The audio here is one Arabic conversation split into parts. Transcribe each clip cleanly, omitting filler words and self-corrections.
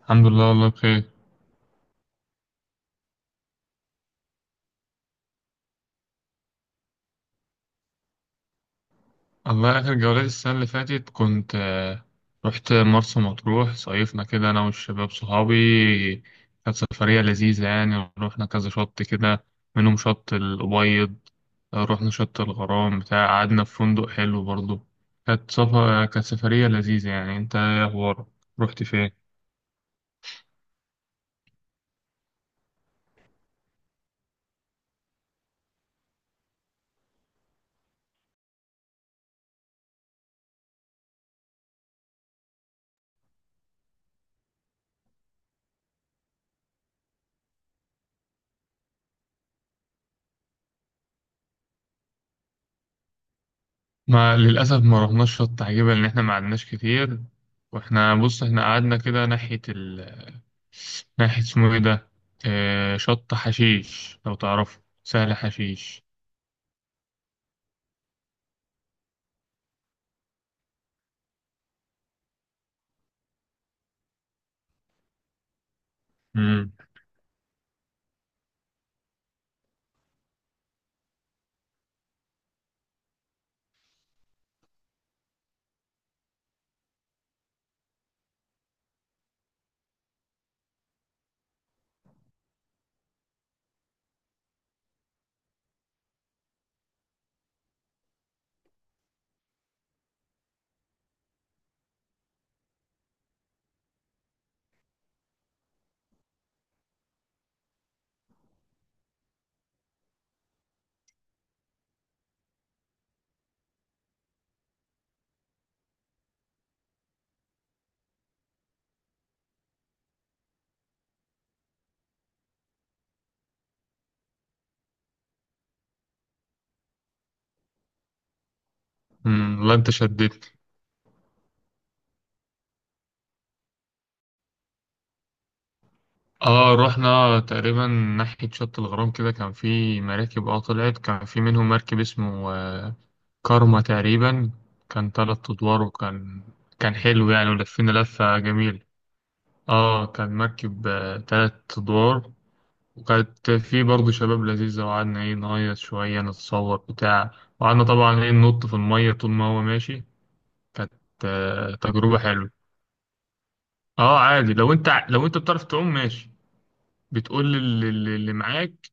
الحمد لله، والله بخير. الله، آخر جولات السنة اللي فاتت كنت رحت مرسى مطروح، صيفنا كده أنا والشباب صحابي. كانت سفرية لذيذة يعني، رحنا كذا شط كده، منهم شط الأبيض. رحنا شط الغرام بتاع، قعدنا في فندق حلو برضه. كانت سفرية لذيذة. يعني أنت إيه أخبارك؟ رحت فين؟ ما للأسف ما رحناش شط عجيبة لأن إحنا ما قعدناش كتير. وإحنا بص إحنا قعدنا كده ناحية اسمه إيه ده؟ شط حشيش لو تعرفه، سهل حشيش. مم. مم. والله أنت شدتني. رحنا تقريبا ناحية شط الغرام كده، كان في مراكب طلعت، كان في منهم مركب اسمه كارما تقريبا. كان تلات أدوار، وكان حلو يعني، ولفينا لفة جميلة. كان مركب تلات أدوار، وكانت في برضه شباب لذيذة، وقعدنا إيه نهيص شوية، نتصور بتاع، وقعدنا طبعا إيه ننط في المية طول ما هو ماشي. كانت تجربة حلوة. أه، عادي، لو أنت بتعرف تعوم ماشي، بتقول اللي معاك.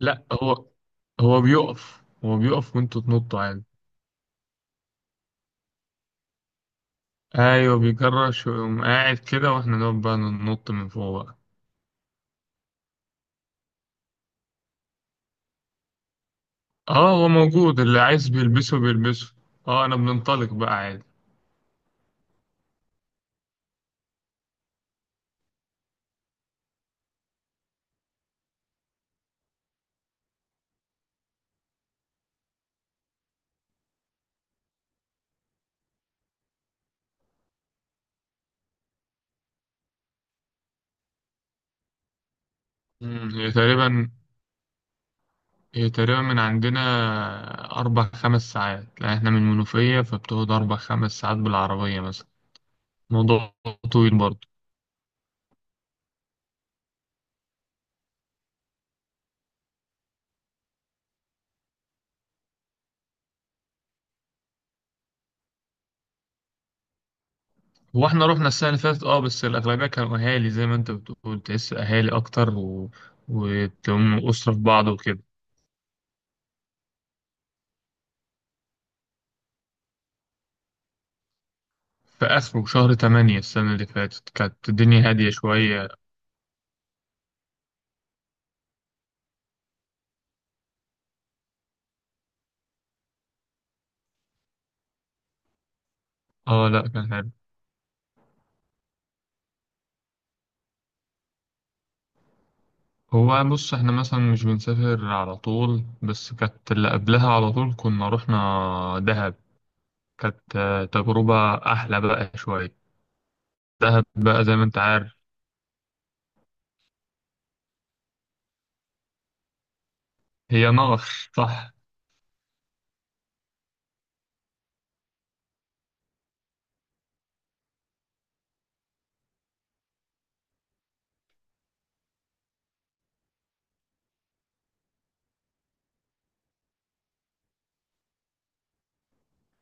لأ، هو بيقف، وأنتوا تنطوا عادي. أيوه بيجرش ويقوم قاعد كده، وإحنا نقعد بقى ننط من فوق بقى. أه، هو موجود، اللي عايز بيلبسه بيلبسه. أه، أنا بننطلق بقى عادي. مم، هي تقريبا هي تقريبا من عندنا أربع خمس ساعات، لأن إحنا من المنوفية، فبتقعد أربع خمس ساعات بالعربية مثلا، موضوع طويل برضه. هو إحنا رحنا السنة اللي فاتت بس الأغلبية كانوا أهالي، زي ما أنت بتقول تحس أهالي أكتر، و... وتقوم أسرة في بعض وكده. في آخره شهر تمانية السنة اللي فاتت كانت الدنيا هادية شوية. أه لأ، كان حلو. هو بص، إحنا مثلا مش بنسافر على طول، بس كانت اللي قبلها على طول كنا رحنا دهب. كانت تجربة أحلى بقى شوية. دهب بقى زي ما أنت عارف، هي نار. صح.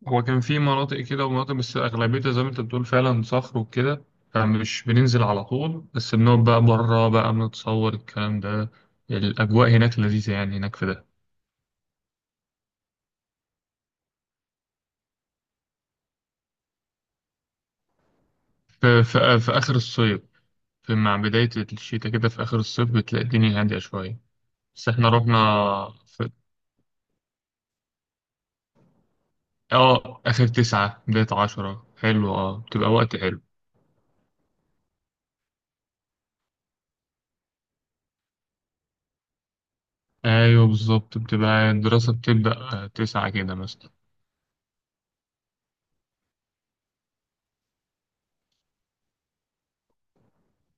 هو كان في مناطق كده ومناطق، بس أغلبيتها زي ما أنت بتقول فعلا صخر وكده، فمش بننزل على طول، بس بنقعد بقى بره بقى، بنتصور الكلام ده. الأجواء هناك لذيذة يعني، هناك في ده. في, في, في آخر الصيف، في مع بداية الشتاء كده، في آخر الصيف بتلاقي الدنيا هادية شوية. بس إحنا رحنا في آخر تسعة بداية عشرة حلو، بتبقى وقت حلو. ايوه بالظبط، بتبقى الدراسة بتبدأ تسعة كده مثلا.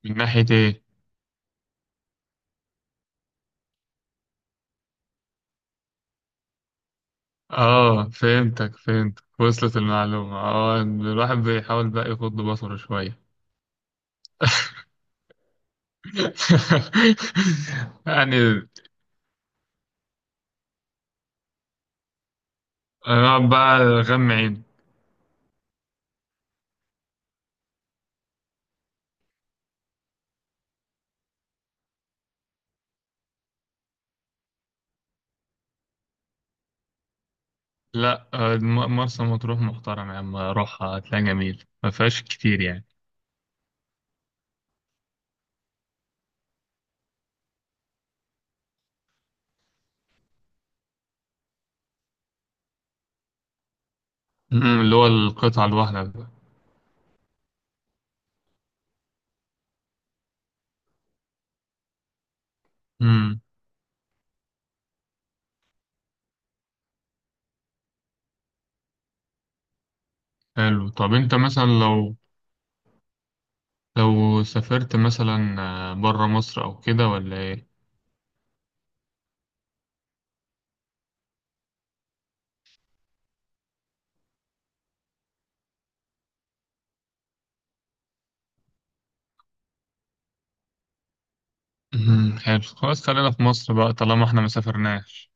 من ناحية ايه؟ اه فهمتك فهمتك، وصلت المعلومة. اه الواحد بيحاول بقى يغض بصره شوية. يعني انا بقى غم عين. لا، مرسى مطروح محترم يا عم، روحها هتلاقي جميل، ما فيهاش كتير يعني. اللي هو القطعة الواحدة بقى. امم حلو. طب انت مثلا لو سافرت مثلا بره مصر او كده، ولا ايه؟ حلو، خلاص خلينا في مصر بقى طالما احنا ما سافرناش.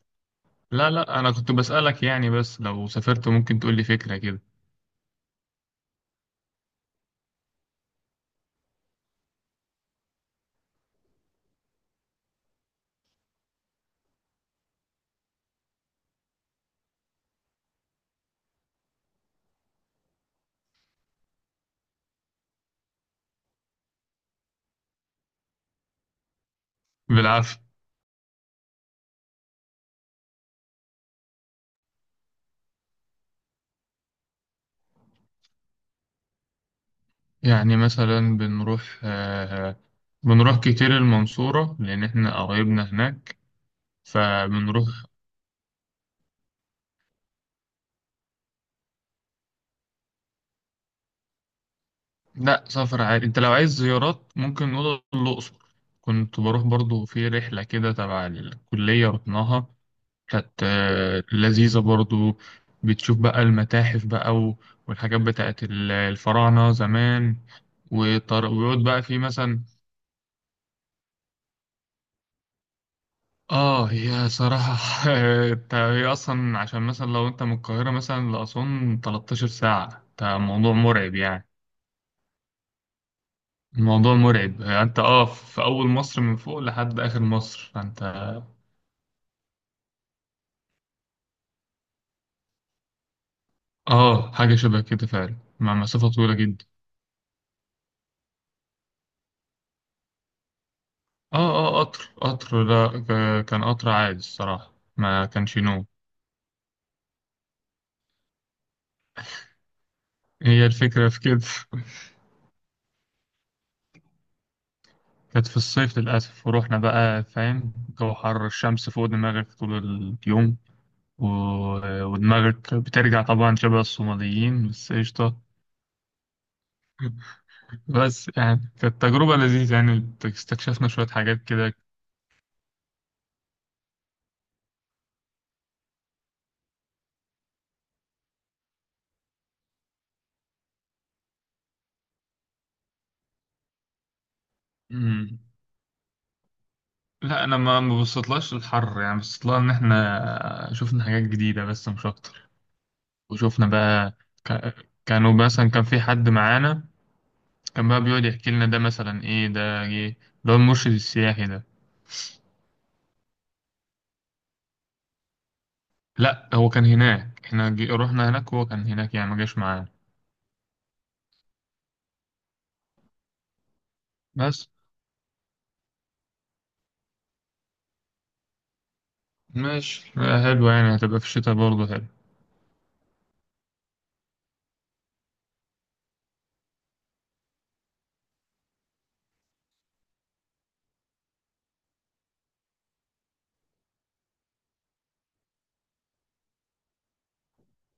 لا لا، انا كنت بسألك يعني، بس لو سافرت ممكن تقول لي فكرة كده. بالعافية. يعني مثلا بنروح كتير المنصورة لان احنا قرايبنا هناك. فبنروح. لا، سفر عادي. انت لو عايز زيارات ممكن نقول الاقصر. كنت بروح برضو في رحلة كده تبع الكلية رحناها، كانت لذيذة برضو. بتشوف بقى المتاحف بقى والحاجات بتاعت الفراعنة زمان، ويقعد بقى في مثلا. اه، هي صراحة. انت هي اصلا عشان مثلا لو انت من القاهرة مثلا لأسوان 13 ساعة، ده موضوع مرعب يعني. الموضوع مرعب. انت في اول مصر من فوق لحد اخر مصر، فانت. اه، حاجة شبه كده فعلا، مع مسافة طويلة جدا. اه اه، قطر لا، كان قطر عادي الصراحة، ما كانش نوم. هي الفكرة في كده. كانت في الصيف للأسف، ورحنا بقى فاهم، جو حر، الشمس فوق دماغك طول اليوم، و... ودماغك بترجع طبعا شبه الصوماليين، بس قشطة. بس يعني كانت تجربة لذيذة، يعني استكشفنا شوية حاجات كده. مم. لا أنا ما بصيتلهاش الحر، يعني بصيتلها إن إحنا شفنا حاجات جديدة، بس مش أكتر. وشوفنا بقى، ك... كانوا مثلا كان في حد معانا، كان بقى بيقعد يحكي لنا ده مثلا ايه، ده ايه، اللي هو المرشد السياحي ده. لا هو كان هناك، احنا رحنا هناك، وهو كان هناك يعني ما جاش معانا. بس ماشي، حلو يعني، هتبقى في الشتاء برضه حلو.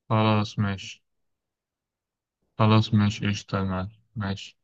خلاص ماشي، خلاص ماشي قشطة يا معلم. ماشي